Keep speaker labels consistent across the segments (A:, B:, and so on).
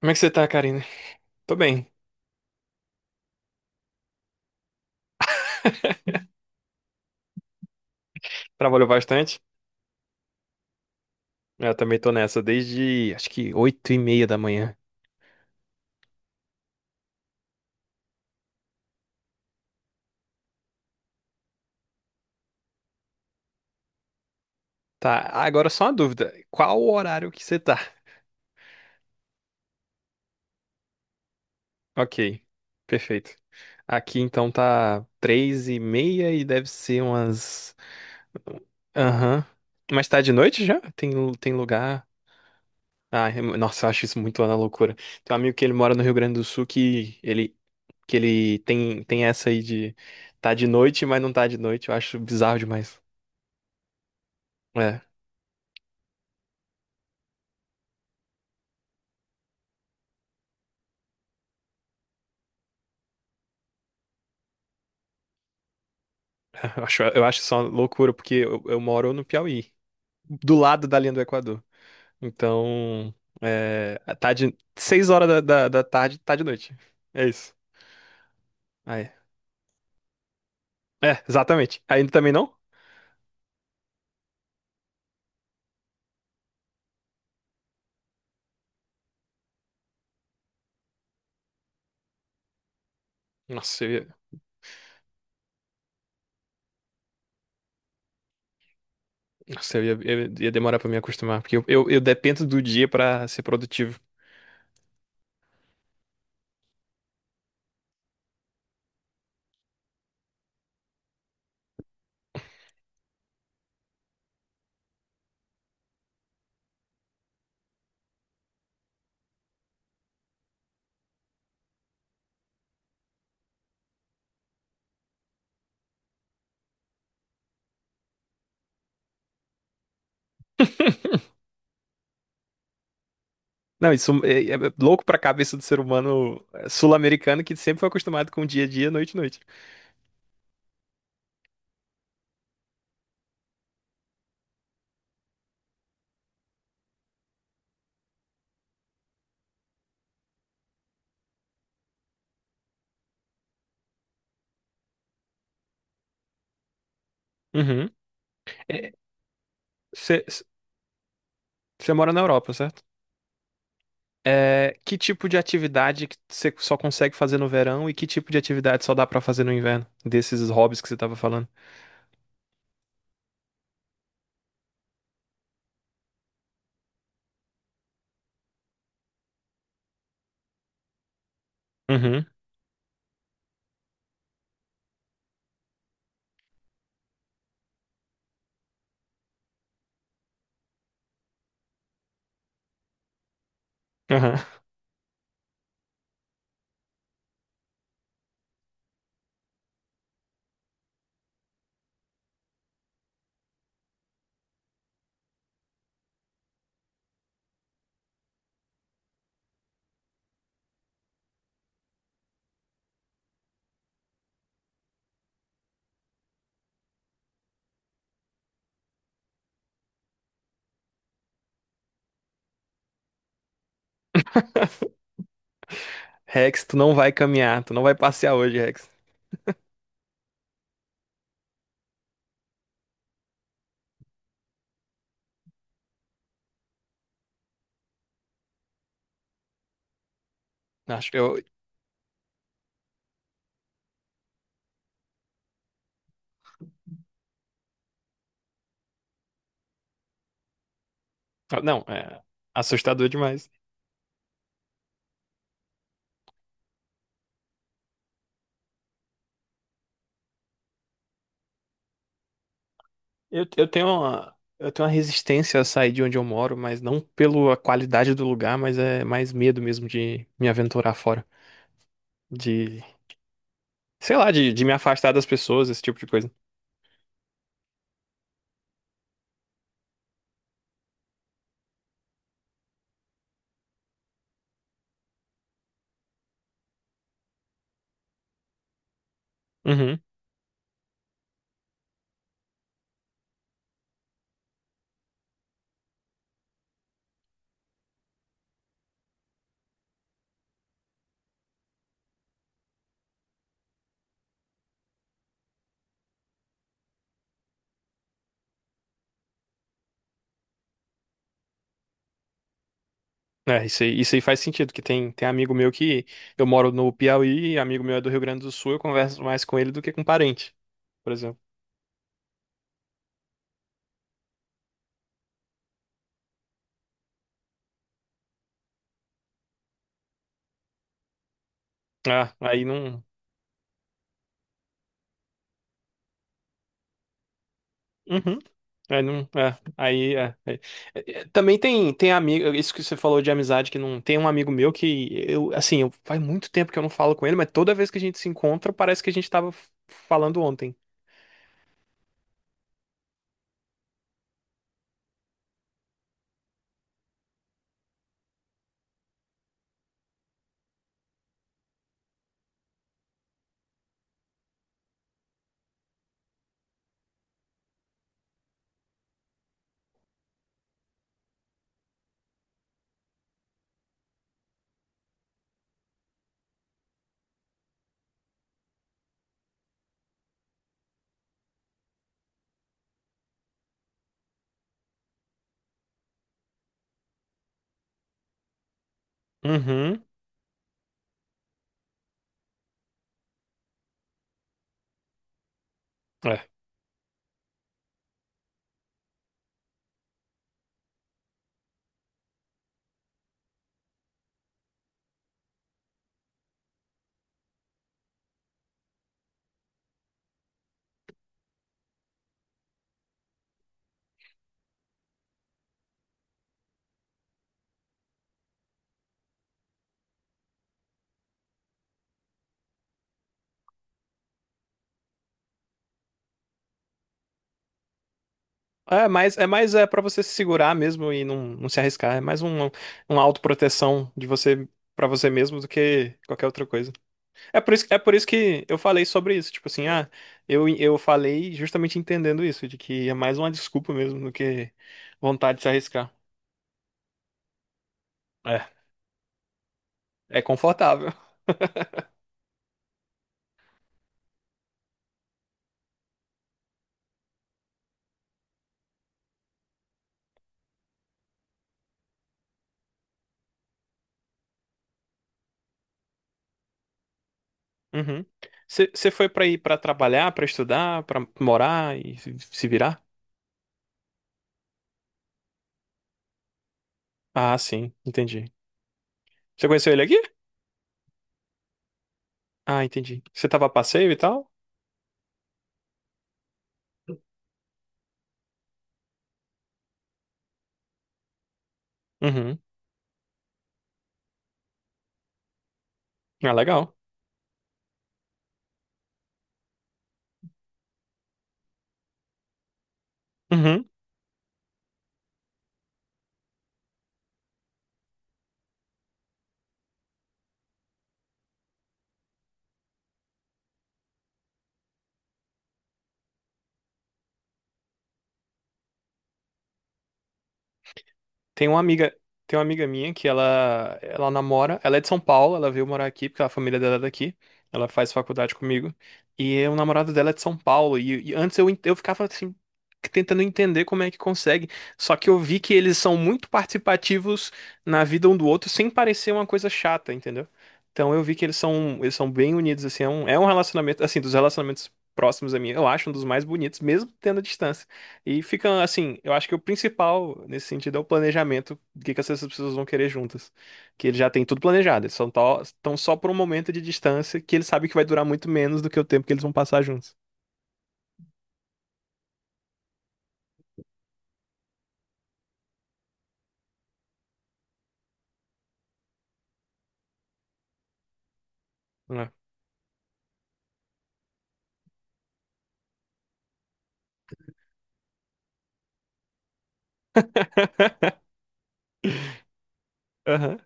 A: Como é que você tá, Karina? Tô bem. Trabalhou bastante? Eu também tô nessa, desde acho que oito e meia da manhã. Tá, agora só uma dúvida. Qual o horário que você tá? Ok, perfeito. Aqui então tá três e meia e deve ser umas... Aham. Mas tá de noite já? Tem lugar... Ah, nossa, eu acho isso muito uma loucura. Tem um amigo que ele mora no Rio Grande do Sul que ele tem, tem essa aí de... Tá de noite, mas não tá de noite. Eu acho bizarro demais. É, eu acho isso uma loucura, porque eu moro no Piauí, do lado da linha do Equador. Então, é, tá de seis horas da tarde, tá de noite. É isso. Aí. É, exatamente. Ainda também não? Nossa, eu ia, nossa, eu ia demorar pra me acostumar, porque eu dependo do dia pra ser produtivo. Não, isso é, é louco pra cabeça do ser humano é, sul-americano que sempre foi acostumado com dia a dia, noite a noite. Uhum. Você mora na Europa, certo? É, que tipo de atividade que você só consegue fazer no verão e que tipo de atividade só dá pra fazer no inverno? Desses hobbies que você tava falando. Uhum. Uhum. Rex, tu não vai caminhar, tu não vai passear hoje, Rex. Acho que eu. Não, é assustador demais. Eu tenho uma resistência a sair de onde eu moro, mas não pela qualidade do lugar, mas é mais medo mesmo de me aventurar fora. De, sei lá, de me afastar das pessoas, esse tipo de coisa. Uhum. É, isso aí faz sentido, que tem amigo meu que eu moro no Piauí, amigo meu é do Rio Grande do Sul, eu converso mais com ele do que com parente, por exemplo. Ah, aí não. Uhum. É, não, é, aí, é, é. É, é, também tem amigo, isso que você falou de amizade, que não tem um amigo meu que faz muito tempo que eu não falo com ele, mas toda vez que a gente se encontra, parece que a gente tava falando ontem. Uhum, é. É, mas é mais é para você se segurar mesmo e não se arriscar. É mais um, uma autoproteção de você para você mesmo do que qualquer outra coisa. É por isso que eu falei sobre isso. Tipo assim, ah, eu falei justamente entendendo isso, de que é mais uma desculpa mesmo do que vontade de se arriscar. É, é confortável. Uhum. Você foi pra ir pra trabalhar, pra estudar, pra morar e se se virar? Ah, sim, entendi. Você conheceu ele aqui? Ah, entendi. Você tava a passeio e tal? Uhum. Ah, legal. Tem uma amiga, tem uma amiga minha que ela namora, ela é de São Paulo, ela veio morar aqui porque a família dela é daqui. Ela faz faculdade comigo. E o namorado dela é de São Paulo. E antes eu ficava assim, tentando entender como é que consegue. Só que eu vi que eles são muito participativos na vida um do outro, sem parecer uma coisa chata, entendeu? Então eu vi que eles são bem unidos, assim, é um relacionamento, assim, dos relacionamentos próximos a mim, eu acho um dos mais bonitos, mesmo tendo a distância. E fica assim, eu acho que o principal nesse sentido é o planejamento do que essas pessoas vão querer juntas. Que eles já têm tudo planejado, eles são estão só por um momento de distância que eles sabem que vai durar muito menos do que o tempo que eles vão passar juntos. Né? Aham.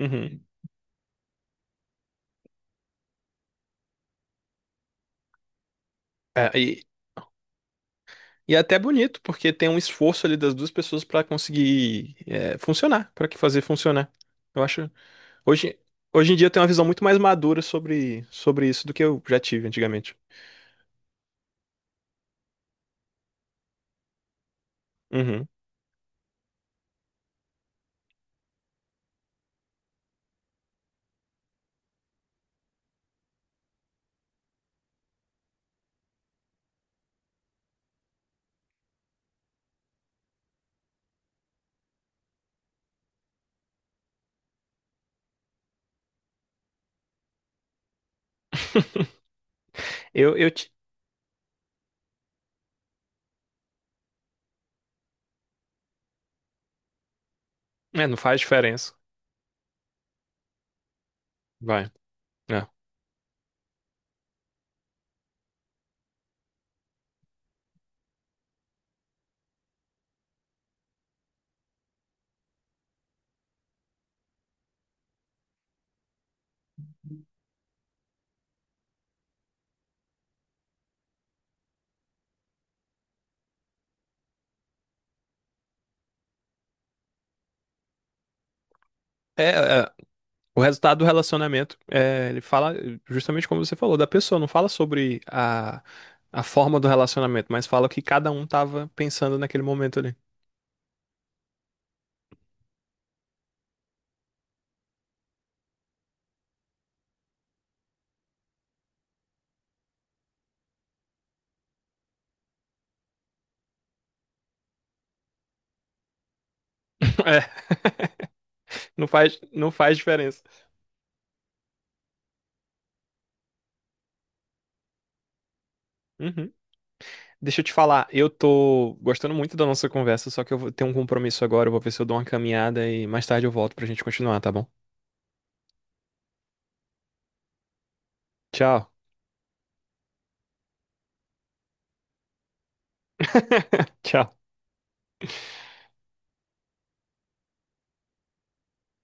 A: Uhum. É, e é até bonito, porque tem um esforço ali das duas pessoas pra conseguir é, funcionar, pra que fazer funcionar. Eu acho. Hoje, hoje em dia eu tenho uma visão muito mais madura sobre, sobre isso do que eu já tive antigamente. Uhum. Eu, eu, ti- É, não faz diferença. Vai. É. É, é, o resultado do relacionamento, é, ele fala justamente como você falou, da pessoa, não fala sobre a forma do relacionamento, mas fala o que cada um tava pensando naquele momento ali. É. Não faz diferença. Uhum. Deixa eu te falar, eu tô gostando muito da nossa conversa, só que eu vou ter um compromisso agora, eu vou ver se eu dou uma caminhada e mais tarde eu volto pra gente continuar, tá bom? Tchau. Tchau.